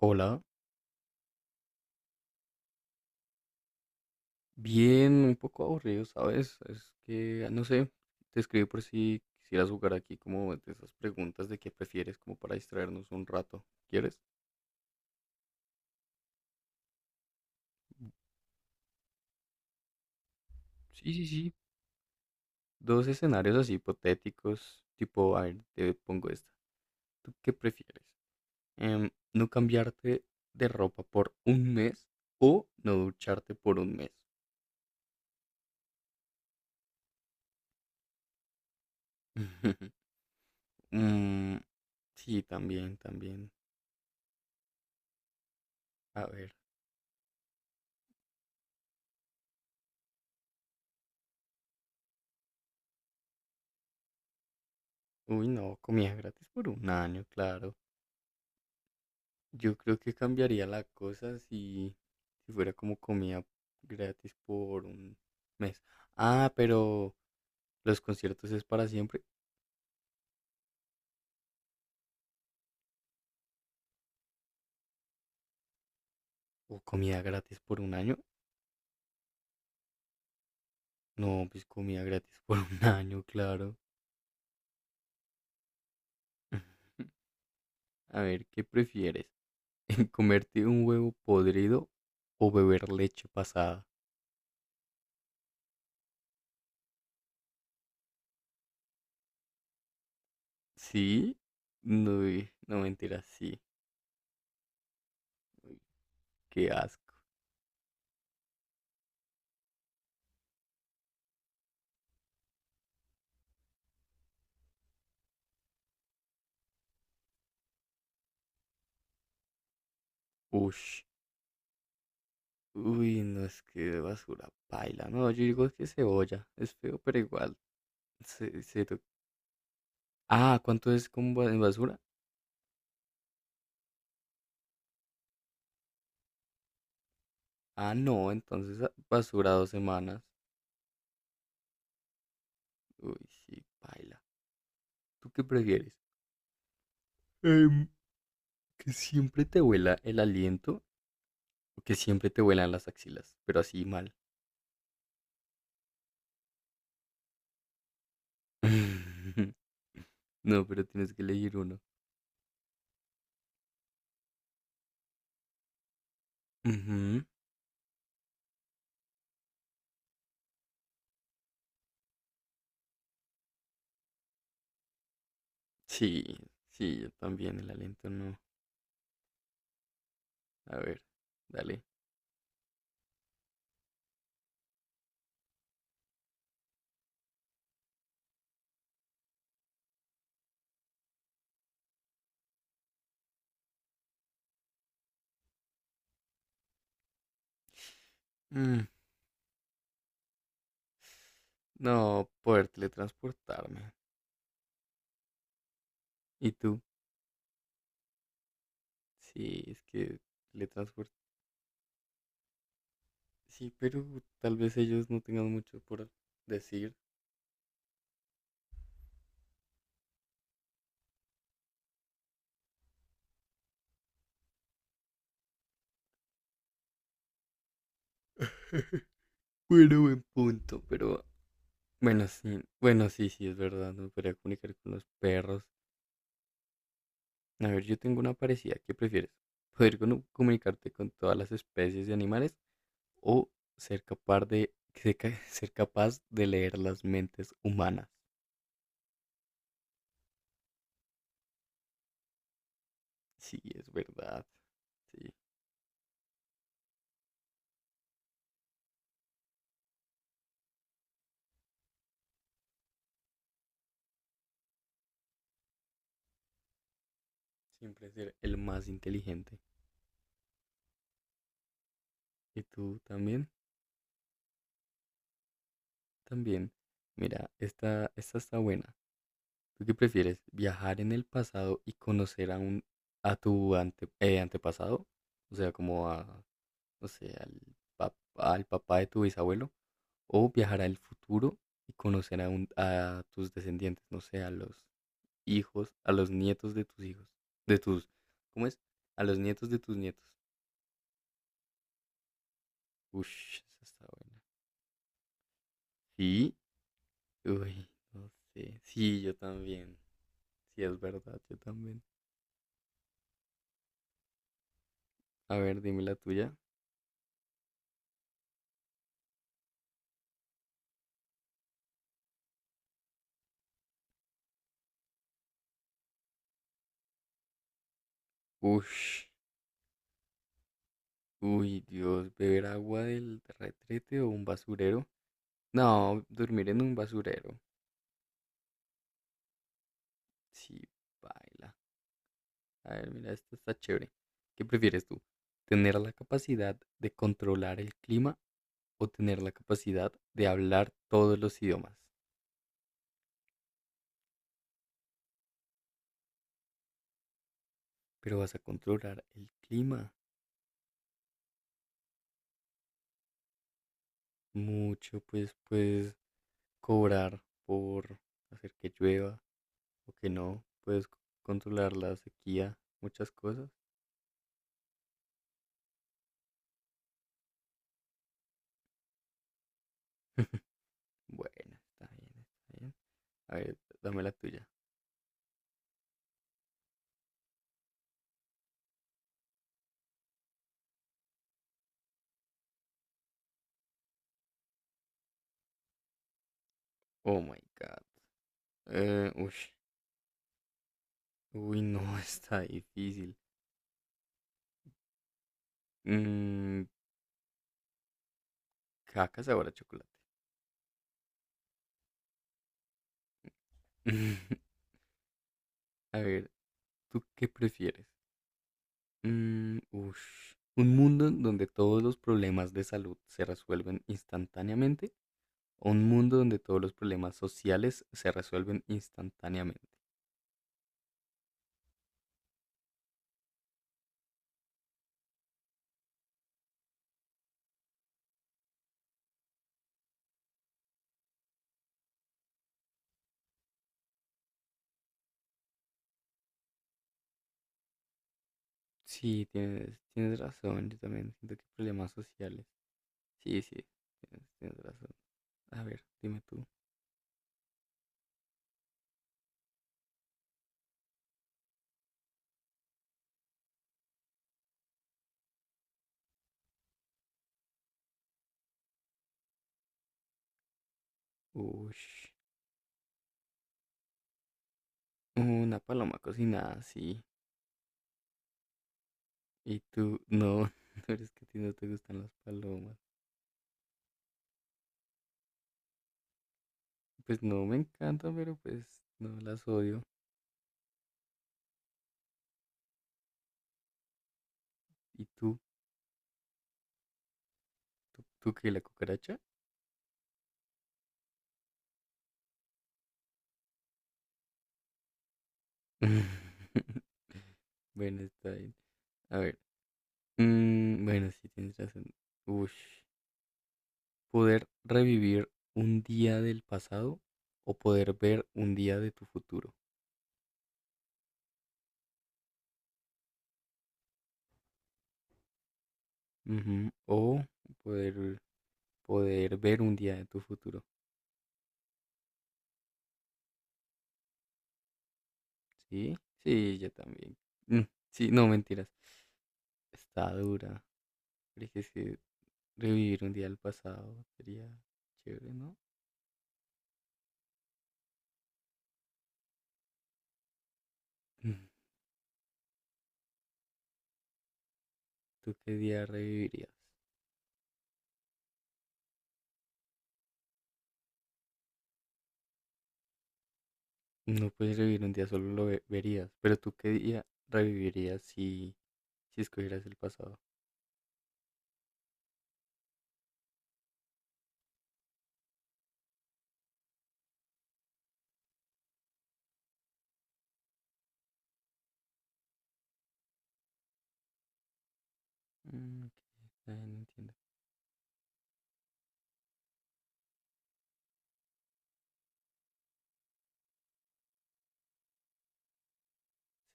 Hola, bien, un poco aburrido, ¿sabes? Es que, no sé, te escribí por si quisieras jugar aquí como de esas preguntas de qué prefieres, como para distraernos un rato. ¿Quieres? Sí, sí, sí. Dos escenarios así hipotéticos, tipo, a ver, te pongo esta. ¿Tú qué prefieres? ¿No cambiarte de ropa por un mes o no ducharte por un mes? Mm, sí, también, también. A ver. Uy, no, comida gratis por un año, claro. Yo creo que cambiaría la cosa si fuera como comida gratis por un mes. Ah, pero los conciertos es para siempre. ¿O comida gratis por un año? No, pues comida gratis por un año, claro. A ver, ¿qué prefieres? ¿Comerte un huevo podrido o beber leche pasada? ¿Sí? No, no mentira, sí. Qué asco. Ush. Uy, no es que basura paila. No, yo digo que cebolla. Es feo, pero igual. Se- se to- Ah, ¿cuánto es con en basura? Ah, no, entonces basura 2 semanas. Uy, sí, paila. ¿Tú qué prefieres? Em, que siempre te huela el aliento o que siempre te huelan las axilas, pero así mal. No, pero tienes que elegir uno. Ujú. Sí, sí, yo también el aliento no. A ver, dale. Mm, no, poder teletransportarme. ¿Y tú? Sí, es que teletransportarme. Sí, pero tal vez ellos no tengan mucho por decir. Bueno, buen punto. Pero bueno, sí, bueno, sí, sí, es verdad, no me podría comunicar con los perros. A ver, yo tengo una parecida, ¿qué prefieres? ¿Poder comunicarte con todas las especies de animales o ser capaz de, ser ca- ser capaz de leer las mentes humanas? Sí, es verdad. Sí, siempre ser el más inteligente. ¿Y tú también? También. Mira, esta está buena. ¿Tú qué prefieres? ¿Viajar en el pasado y conocer a tu antepasado? O sea, como a, no sé, al papá de tu bisabuelo. ¿O viajar al futuro y conocer a tus descendientes? No sé, a los hijos, a los nietos de tus hijos. De tus, ¿cómo es? A los nietos de tus nietos. Ush, esa está buena. Sí, uy, no sé. Sí, yo también. Sí, es verdad, yo también. A ver, dime la tuya. Ush. Uy, Dios, beber agua del retrete o un basurero. No, dormir en un basurero. Sí, baila. A ver, mira, esto está chévere. ¿Qué prefieres tú? ¿Tener la capacidad de controlar el clima o tener la capacidad de hablar todos los idiomas? Pero vas a controlar el clima. Mucho, pues puedes cobrar por hacer que llueva o que no. Puedes controlar la sequía, muchas cosas. Bueno, está bien, está bien. A ver, dame la tuya. Oh my god. Ush. Uy, no, está difícil. Mm, caca sabor a chocolate. A ver, ¿tú qué prefieres? Ush. ¿Un mundo en donde todos los problemas de salud se resuelven instantáneamente? ¿O un mundo donde todos los problemas sociales se resuelven instantáneamente? Sí, tienes razón. Yo también siento que problemas sociales. Sí, sí, tienes razón. A ver, dime tú. Ush. Una paloma cocinada, sí. Y tú, no, no eres que a ti no te gustan las palomas. Pues no me encantan, pero pues no las odio. ¿Y tú? ¿Tú qué, la cucaracha? Bueno, está bien. A ver. Mm, bueno, sí, tienes razón. Ush. Poder revivir un día del pasado o poder ver un día de tu futuro. Ujú, o poder, poder ver un día de tu futuro. Sí, sí, yo también. Mm, sí, no, mentiras. Está dura. Pero es que sí, revivir un día del pasado sería chévere, ¿no? Mm. ¿Tú qué día revivirías? No puedes revivir un día, solo lo verías. Pero ¿tú qué día revivirías si escogieras el pasado? Mm, ok, no entiendo.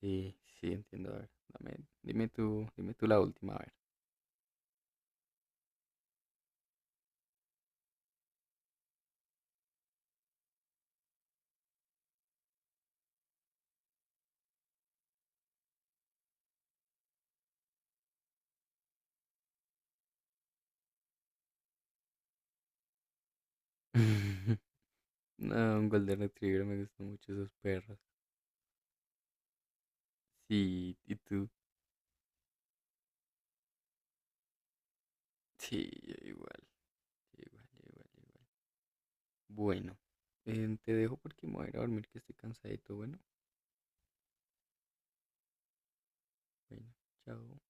Sí, sí, entiendo. A ver, dime tú la última, a ver. No, un Golden Retriever, me gustan mucho esos perros. Sí, ¿y tú? Sí, yo igual. Igual, igual, igual. Bueno, te dejo porque me voy a ir a dormir que estoy cansadito. Bueno, bueno, chao.